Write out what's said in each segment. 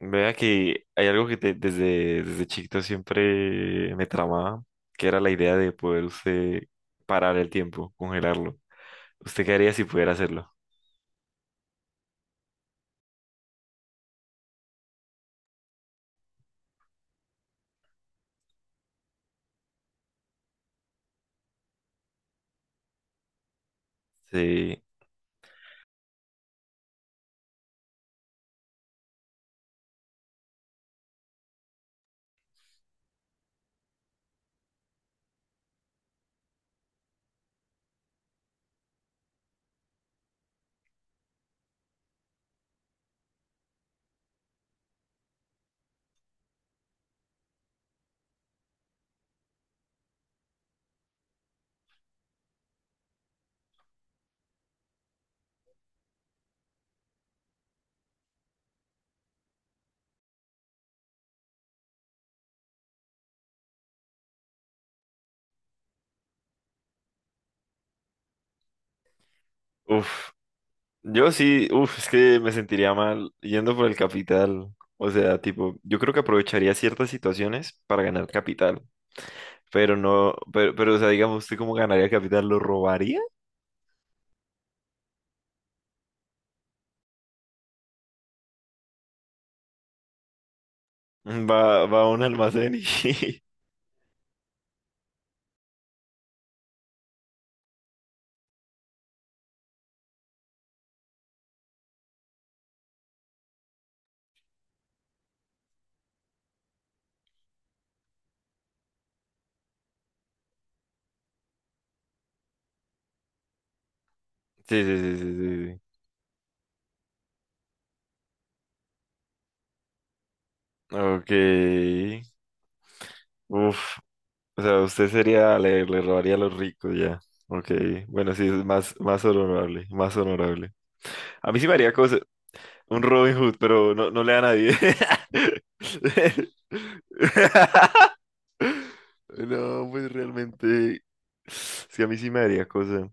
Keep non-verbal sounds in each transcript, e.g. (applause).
Vea que hay algo que desde chiquito siempre me tramaba, que era la idea de poder usted parar el tiempo, congelarlo. ¿Usted qué haría si pudiera hacerlo? Sí. Uf. Yo sí, uf, es que me sentiría mal yendo por el capital. O sea, tipo, yo creo que aprovecharía ciertas situaciones para ganar capital. Pero no, pero o sea, digamos, ¿usted cómo ganaría capital? ¿Lo robaría? Va, va a un almacén y... (laughs) Sí, sí, sí, sí, sí, sí. Ok. Uf, o sea, usted sería, le robaría a los ricos ya. Ok, bueno, sí, es más, más honorable, más honorable. A mí sí me haría cosa, un Robin Hood, pero no, no le da a nadie. (laughs) No, pues realmente, sí, a mí sí me haría cosa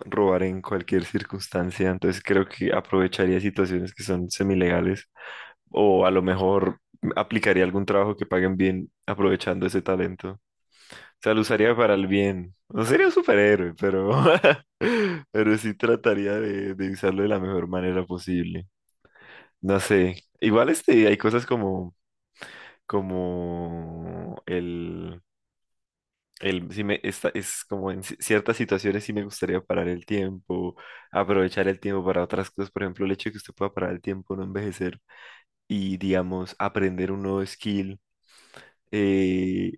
robar en cualquier circunstancia, entonces creo que aprovecharía situaciones que son semilegales o a lo mejor aplicaría algún trabajo que paguen bien aprovechando ese talento sea, lo usaría para el bien. No sería un superhéroe, pero, (laughs) pero sí trataría de usarlo de la mejor manera posible. No sé. Igual este, hay cosas como, como el, sí me, esta, es como en ciertas situaciones sí me gustaría parar el tiempo, aprovechar el tiempo para otras cosas. Por ejemplo, el hecho de que usted pueda parar el tiempo, no envejecer y, digamos, aprender un nuevo skill. eh,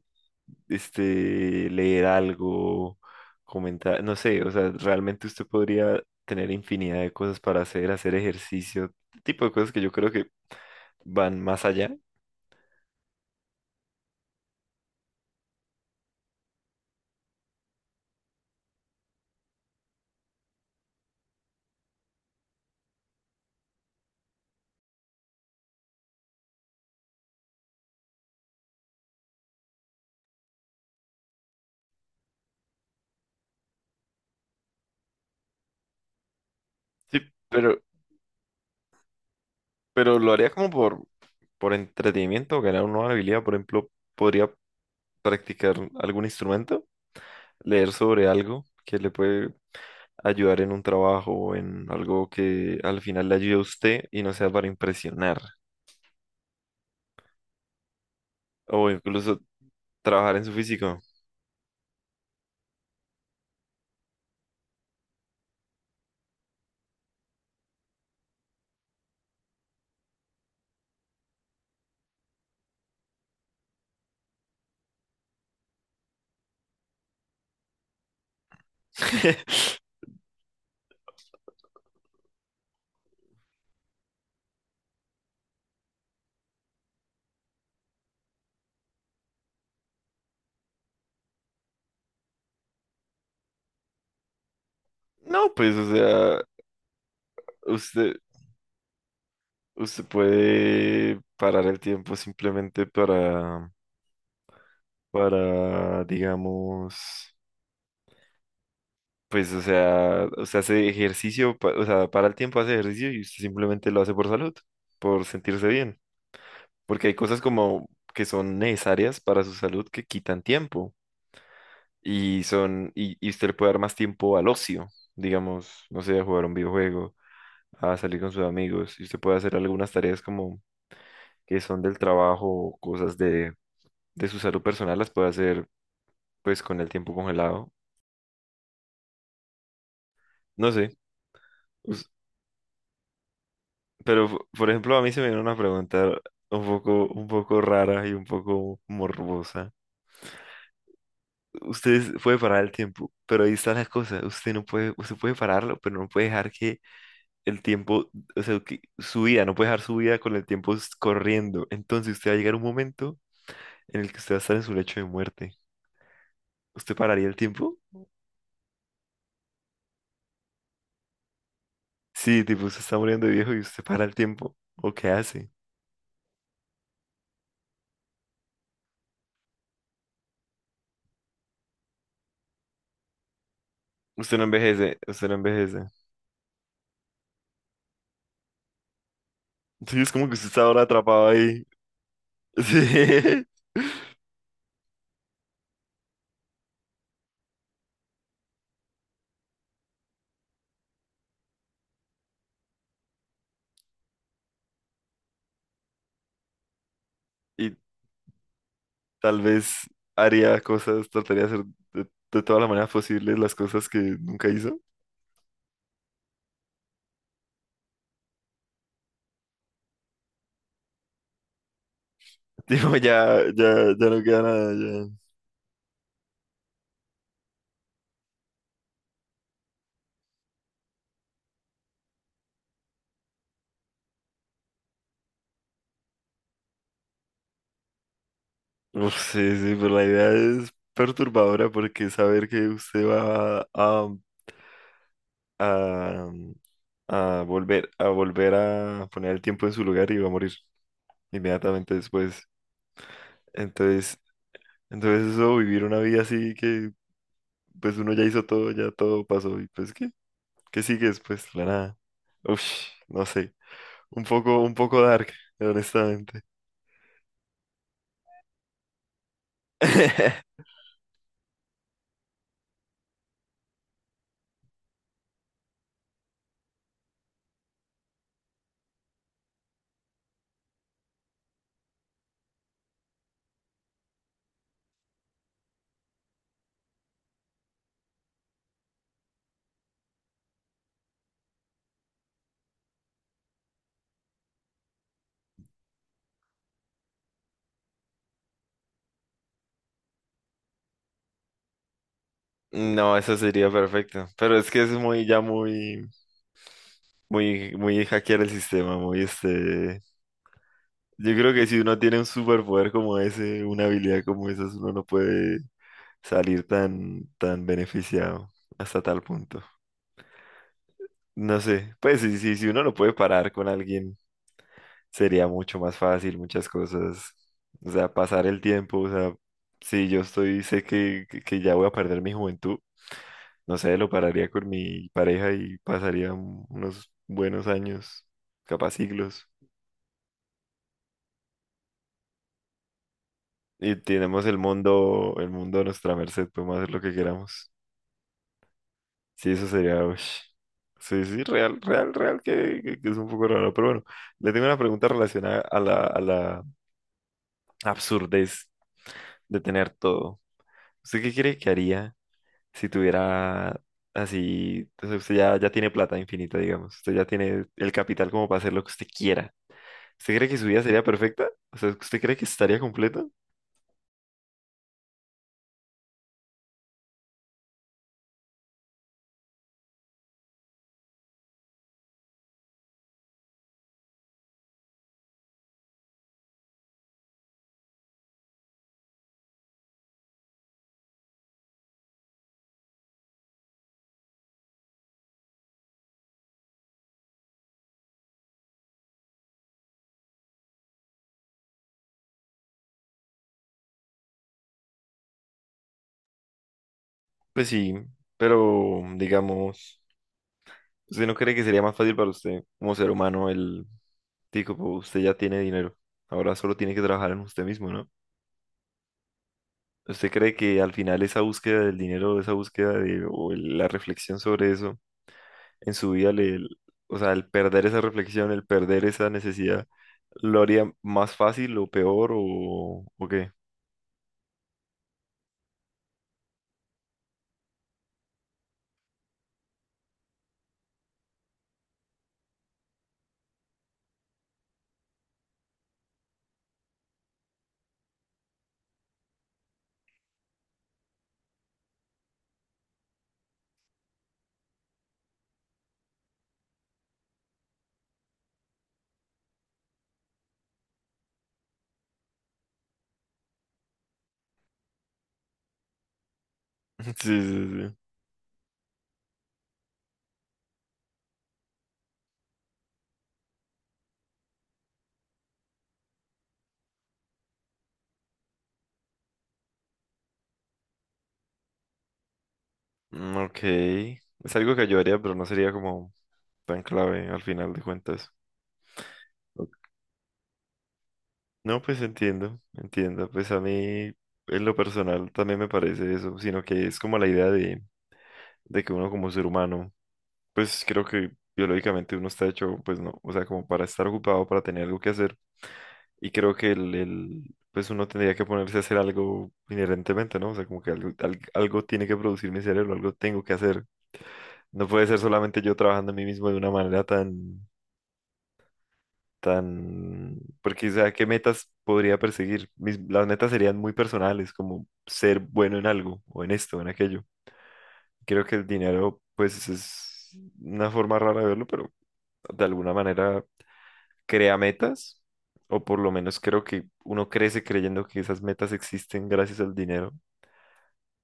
leer algo, comentar, no sé, o sea, realmente usted podría tener infinidad de cosas para hacer, hacer ejercicio, tipo de cosas que yo creo que van más allá. Sí, pero, pero lo haría como por entretenimiento, ganar una nueva habilidad, por ejemplo, podría practicar algún instrumento, leer sobre algo que le puede ayudar en un trabajo, o en algo que al final le ayude a usted y no sea para impresionar. O incluso trabajar en su físico. (laughs) No, pues, o sea, usted, usted puede parar el tiempo simplemente para, digamos, pues, o sea, usted hace ejercicio, o sea, para el tiempo hace ejercicio y usted simplemente lo hace por salud, por sentirse bien, porque hay cosas como que son necesarias para su salud que quitan tiempo y son, y usted le puede dar más tiempo al ocio, digamos, no sé, a jugar un videojuego a salir con sus amigos y usted puede hacer algunas tareas como que son del trabajo o cosas de su salud personal, las puede hacer pues con el tiempo congelado. No sé, us- por ejemplo a mí se me viene una pregunta un poco rara y un poco morbosa. Puede parar el tiempo, pero ahí está la cosa. Usted no puede, usted puede pararlo, pero no puede dejar que el tiempo, o sea, que su vida, no puede dejar su vida con el tiempo corriendo. Entonces usted va a llegar a un momento en el que usted va a estar en su lecho de muerte. ¿Usted pararía el tiempo? Sí, tipo, usted está muriendo de viejo y usted para el tiempo. ¿O qué hace? Usted no envejece, usted no envejece. Sí, es como que usted está ahora atrapado ahí. (laughs) Sí. Y tal vez haría cosas, trataría de hacer de todas las maneras posibles las cosas que nunca hizo. (laughs) Tipo, ya, ya, ya no queda nada, ya. Uf, sí, sí, pero la idea es perturbadora porque saber que usted va a, a volver, a volver a poner el tiempo en su lugar y va a morir inmediatamente después. Entonces, entonces eso, vivir una vida así que pues uno ya hizo todo, ya todo pasó y pues ¿qué? ¿Qué sigue después? La nada. Uf, no sé. Un poco dark, honestamente. (laughs) No, eso sería perfecto. Pero es que es muy, ya muy, muy, muy hackear el sistema, muy este. Yo creo que si uno tiene un superpoder como ese, una habilidad como esa, uno no puede salir tan, tan beneficiado hasta tal punto. No sé, pues sí, sí, si uno lo puede parar con alguien, sería mucho más fácil muchas cosas. O sea, pasar el tiempo, o sea, si yo estoy, sé que, que ya voy a perder mi juventud, no sé, lo pararía con mi pareja y pasaría unos buenos años, capaz siglos. Y tenemos el mundo a nuestra merced, podemos hacer lo que queramos. Sí, eso sería, ush. Sí, sí, real, real, real, que, que es un poco raro, pero bueno, le tengo una pregunta relacionada a la absurdez de tener todo. ¿Usted qué cree que haría si tuviera así, o sea, usted ya, ya tiene plata infinita, digamos, usted ya tiene el capital como para hacer lo que usted quiera? ¿Usted cree que su vida sería perfecta? O sea, ¿usted cree que estaría completa? Pues sí, pero digamos, ¿usted no cree que sería más fácil para usted como ser humano el tipo, pues, usted ya tiene dinero, ahora solo tiene que trabajar en usted mismo, ¿no? ¿Usted cree que al final esa búsqueda del dinero, esa búsqueda de, o la reflexión sobre eso, en su vida le, o sea, el perder esa reflexión, el perder esa necesidad, ¿lo haría más fácil o peor o qué? (laughs) Sí, sí, sí. Mm, ok. Es algo que yo haría, pero no sería como tan clave al final de cuentas. Ok. No, pues entiendo, entiendo. Pues a mí, en lo personal, también me parece eso, sino que es como la idea de que uno como ser humano, pues creo que biológicamente uno está hecho, pues no, o sea, como para estar ocupado, para tener algo que hacer. Y creo que pues uno tendría que ponerse a hacer algo inherentemente, ¿no? O sea, como que algo, algo tiene que producir mi cerebro, algo tengo que hacer. No puede ser solamente yo trabajando en mí mismo de una manera tan, tan, porque, o sea, ¿qué metas podría perseguir? Mis, las metas serían muy personales, como ser bueno en algo, o en esto, o en aquello. Creo que el dinero, pues, es una forma rara de verlo, pero de alguna manera crea metas, o por lo menos creo que uno crece creyendo que esas metas existen gracias al dinero.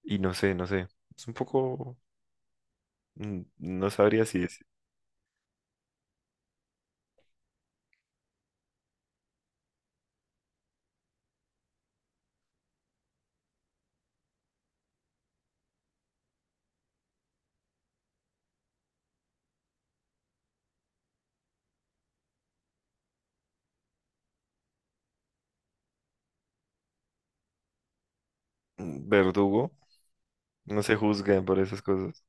Y no sé, no sé. Es un poco, mm, no sabría si es mm, verdugo. No se juzgan por esas cosas.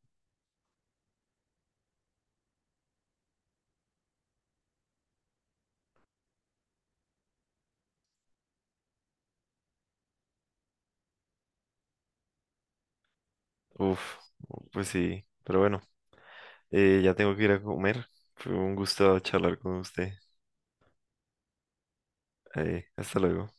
Uf, pues sí. Pero bueno, ya tengo que ir a comer. Fue un gusto charlar con usted. Hasta luego.